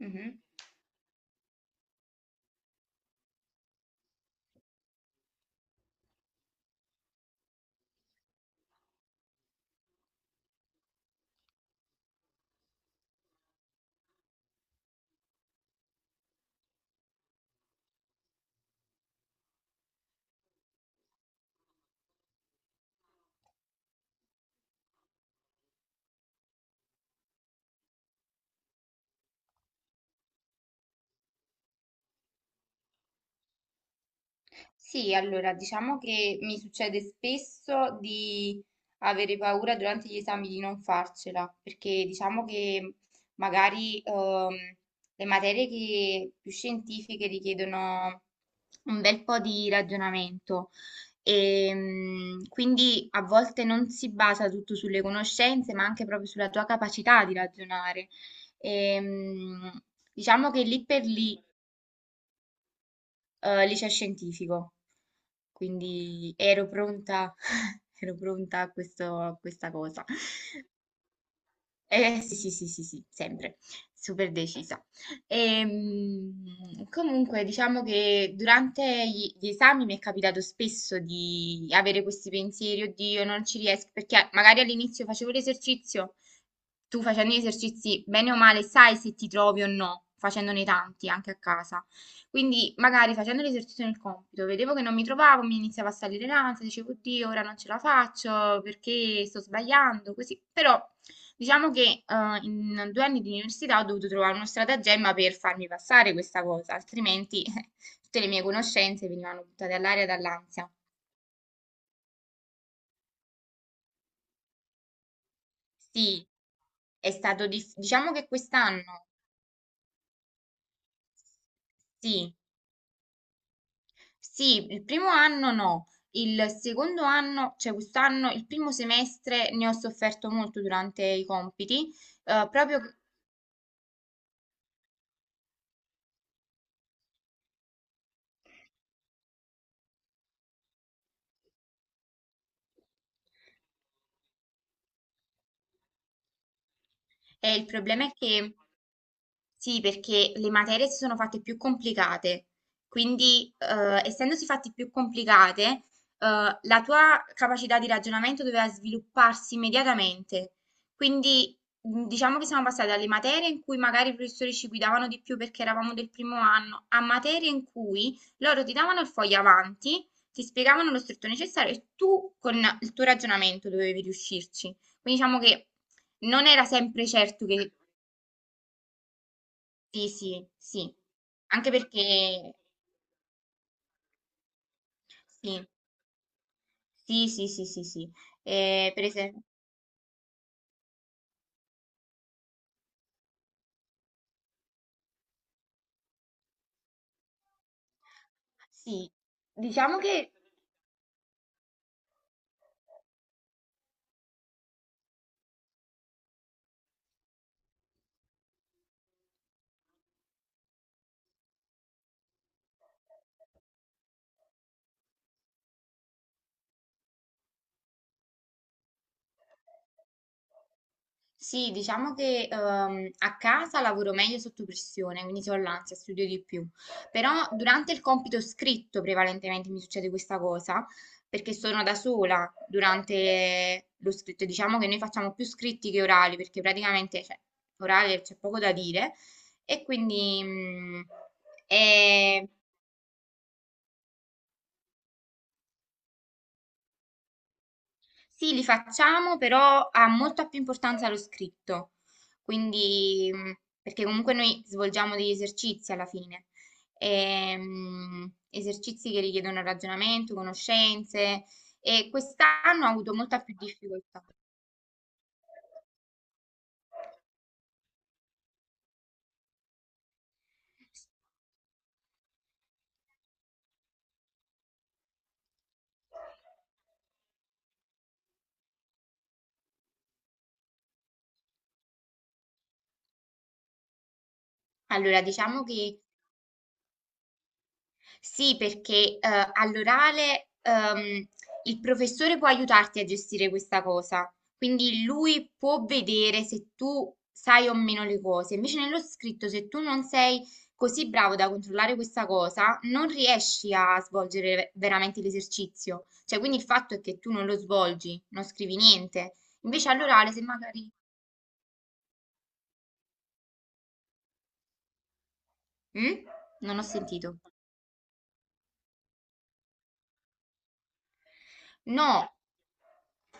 Mhm. Sì, allora diciamo che mi succede spesso di avere paura durante gli esami di non farcela, perché diciamo che magari le materie che più scientifiche richiedono un bel po' di ragionamento e quindi a volte non si basa tutto sulle conoscenze, ma anche proprio sulla tua capacità di ragionare. E, mm, diciamo che lì per lì liceo scientifico, quindi ero pronta, ero pronta a a questa cosa. Sì, sì, sì, sì, sì, sempre, super decisa. Comunque, diciamo che durante gli esami mi è capitato spesso di avere questi pensieri, oddio, non ci riesco, perché magari all'inizio facevo l'esercizio, tu facendo gli esercizi, bene o male, sai se ti trovi o no, facendone tanti anche a casa. Quindi, magari facendo l'esercizio nel compito, vedevo che non mi trovavo, mi iniziava a salire l'ansia, dicevo, oddio, ora non ce la faccio perché sto sbagliando, così, però diciamo che in due anni di università ho dovuto trovare uno stratagemma per farmi passare questa cosa, altrimenti tutte le mie conoscenze venivano buttate all'aria dall'ansia. Sì, è stato diciamo che quest'anno, sì, sì, il primo anno no, il secondo anno, cioè quest'anno, il primo semestre ne ho sofferto molto durante i compiti, proprio. Il problema è che sì, perché le materie si sono fatte più complicate, quindi essendosi fatte più complicate, la tua capacità di ragionamento doveva svilupparsi immediatamente. Quindi diciamo che siamo passati dalle materie in cui magari i professori ci guidavano di più perché eravamo del primo anno, a materie in cui loro ti davano il foglio avanti, ti spiegavano lo stretto necessario e tu con il tuo ragionamento dovevi riuscirci. Quindi diciamo che non era sempre certo che... Sì, sì, sì. Anche perché... Sì, sì, sì, sì, sì, sì. Per esempio... Sì, diciamo che Sì, diciamo che a casa lavoro meglio sotto pressione, quindi se ho l'ansia studio di più. Però durante il compito scritto prevalentemente mi succede questa cosa, perché sono da sola durante lo scritto. Diciamo che noi facciamo più scritti che orali, perché praticamente, cioè, orale c'è poco da dire e quindi è. Sì, li facciamo, però ha molta più importanza lo scritto, quindi, perché comunque noi svolgiamo degli esercizi alla fine. Esercizi che richiedono ragionamento, conoscenze, e quest'anno ho avuto molta più difficoltà. Allora, diciamo che sì, perché all'orale il professore può aiutarti a gestire questa cosa, quindi lui può vedere se tu sai o meno le cose. Invece nello scritto, se tu non sei così bravo da controllare questa cosa, non riesci a svolgere veramente l'esercizio. Cioè, quindi il fatto è che tu non lo svolgi, non scrivi niente. Invece all'orale, se magari... Mm? Non ho sentito. No,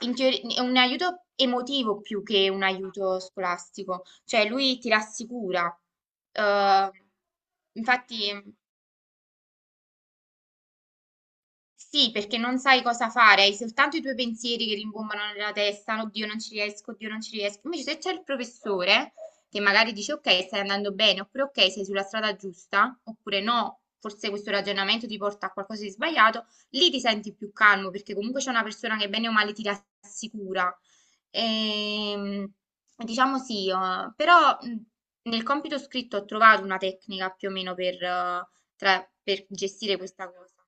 in è un aiuto emotivo più che un aiuto scolastico, cioè lui ti rassicura. Eh, infatti sì, perché non sai cosa fare, hai soltanto i tuoi pensieri che rimbombano nella testa, oddio non ci riesco, oddio non ci riesco. Invece se c'è il professore che magari dice ok, stai andando bene, oppure ok, sei sulla strada giusta, oppure no, forse questo ragionamento ti porta a qualcosa di sbagliato, lì ti senti più calmo perché comunque c'è una persona che bene o male ti rassicura. Ehm, diciamo sì, però nel compito scritto ho trovato una tecnica più o meno per per gestire questa cosa.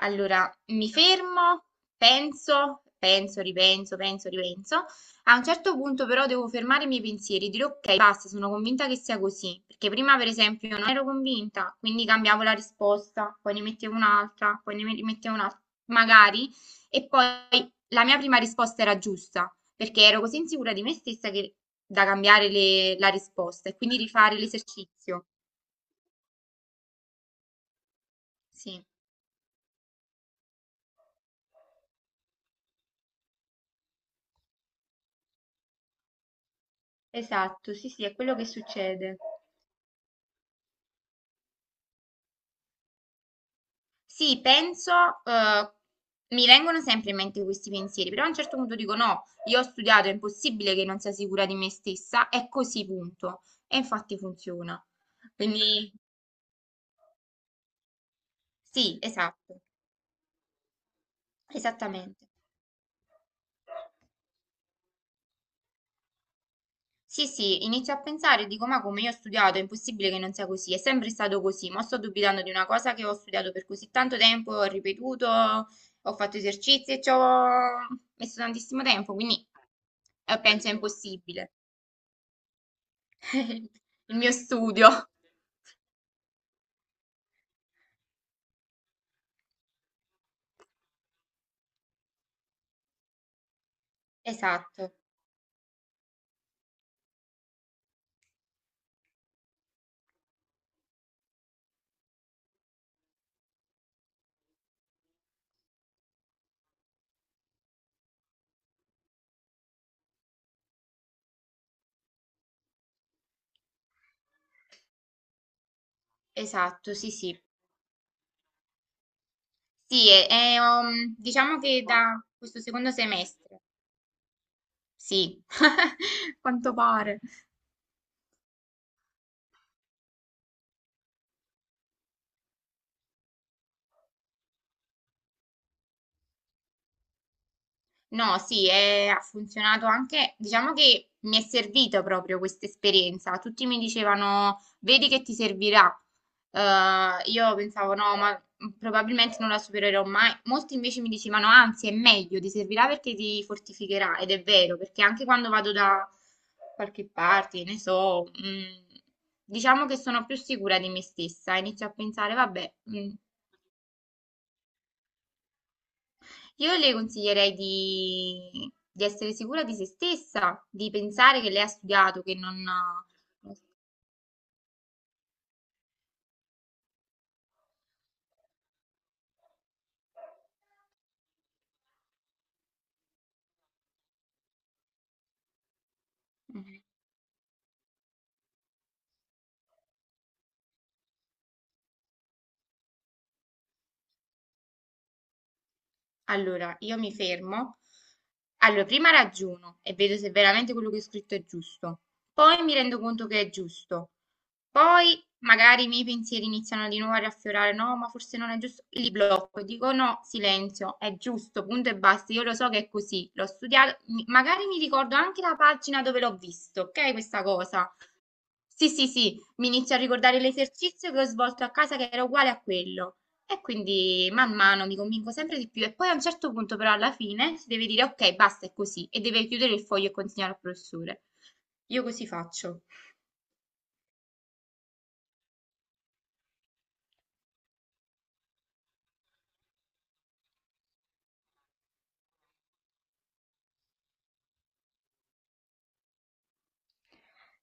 Allora, mi fermo, penso, penso, ripenso, penso, ripenso. A un certo punto però devo fermare i miei pensieri, dire ok, basta, sono convinta che sia così, perché prima per esempio io non ero convinta, quindi cambiavo la risposta, poi ne mettevo un'altra, poi ne mettevo un'altra, magari, e poi la mia prima risposta era giusta, perché ero così insicura di me stessa che da cambiare la risposta e quindi rifare l'esercizio. Sì, esatto, sì, sì, è quello che succede. Sì, penso, eh, mi vengono sempre in mente questi pensieri, però a un certo punto dico no, io ho studiato, è impossibile che non sia sicura di me stessa, è così, punto. E infatti funziona. Quindi sì, esatto, esattamente. Sì, sì, inizio a pensare, e dico ma come io ho studiato, è impossibile che non sia così, è sempre stato così, ma sto dubitando di una cosa che ho studiato per così tanto tempo, ho ripetuto, ho fatto esercizi e ci ho messo tantissimo tempo, quindi penso è impossibile. Il mio studio. Esatto, esatto, sì, sì. Sì, diciamo che da questo secondo semestre, sì, quanto pare. No, sì, ha funzionato anche, diciamo che mi è servita proprio questa esperienza. Tutti mi dicevano, vedi che ti servirà. Io pensavo, no, ma probabilmente non la supererò mai. Molti invece mi dicevano, anzi, è meglio, ti servirà perché ti fortificherà. Ed è vero, perché anche quando vado da qualche parte, ne so, mm, diciamo che sono più sicura di me stessa. Inizio a pensare, vabbè, mm, io le consiglierei di essere sicura di se stessa, di pensare che lei ha studiato, che non... Mhm. Allora, io mi fermo. Allora, prima ragiono e vedo se veramente quello che ho scritto è giusto. Poi mi rendo conto che è giusto. Poi magari i miei pensieri iniziano di nuovo a riaffiorare, no, ma forse non è giusto. Li blocco, dico no, silenzio, è giusto, punto e basta. Io lo so che è così, l'ho studiato, magari mi ricordo anche la pagina dove l'ho visto, ok, questa cosa. Sì, sì, sì, mi inizio a ricordare l'esercizio che ho svolto a casa che era uguale a quello. E quindi man mano mi convinco sempre di più e poi a un certo punto però alla fine si deve dire ok, basta, è così e deve chiudere il foglio e consegnare al professore. Io così faccio.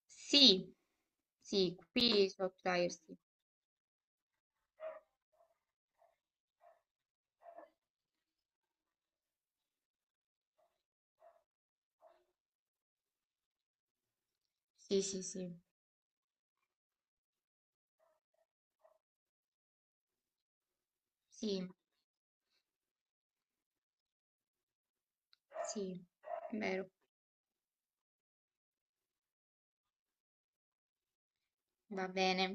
Sì, sì, qui su Outlier, sì. Sì, sì, sì, sì, sì, è vero, va bene.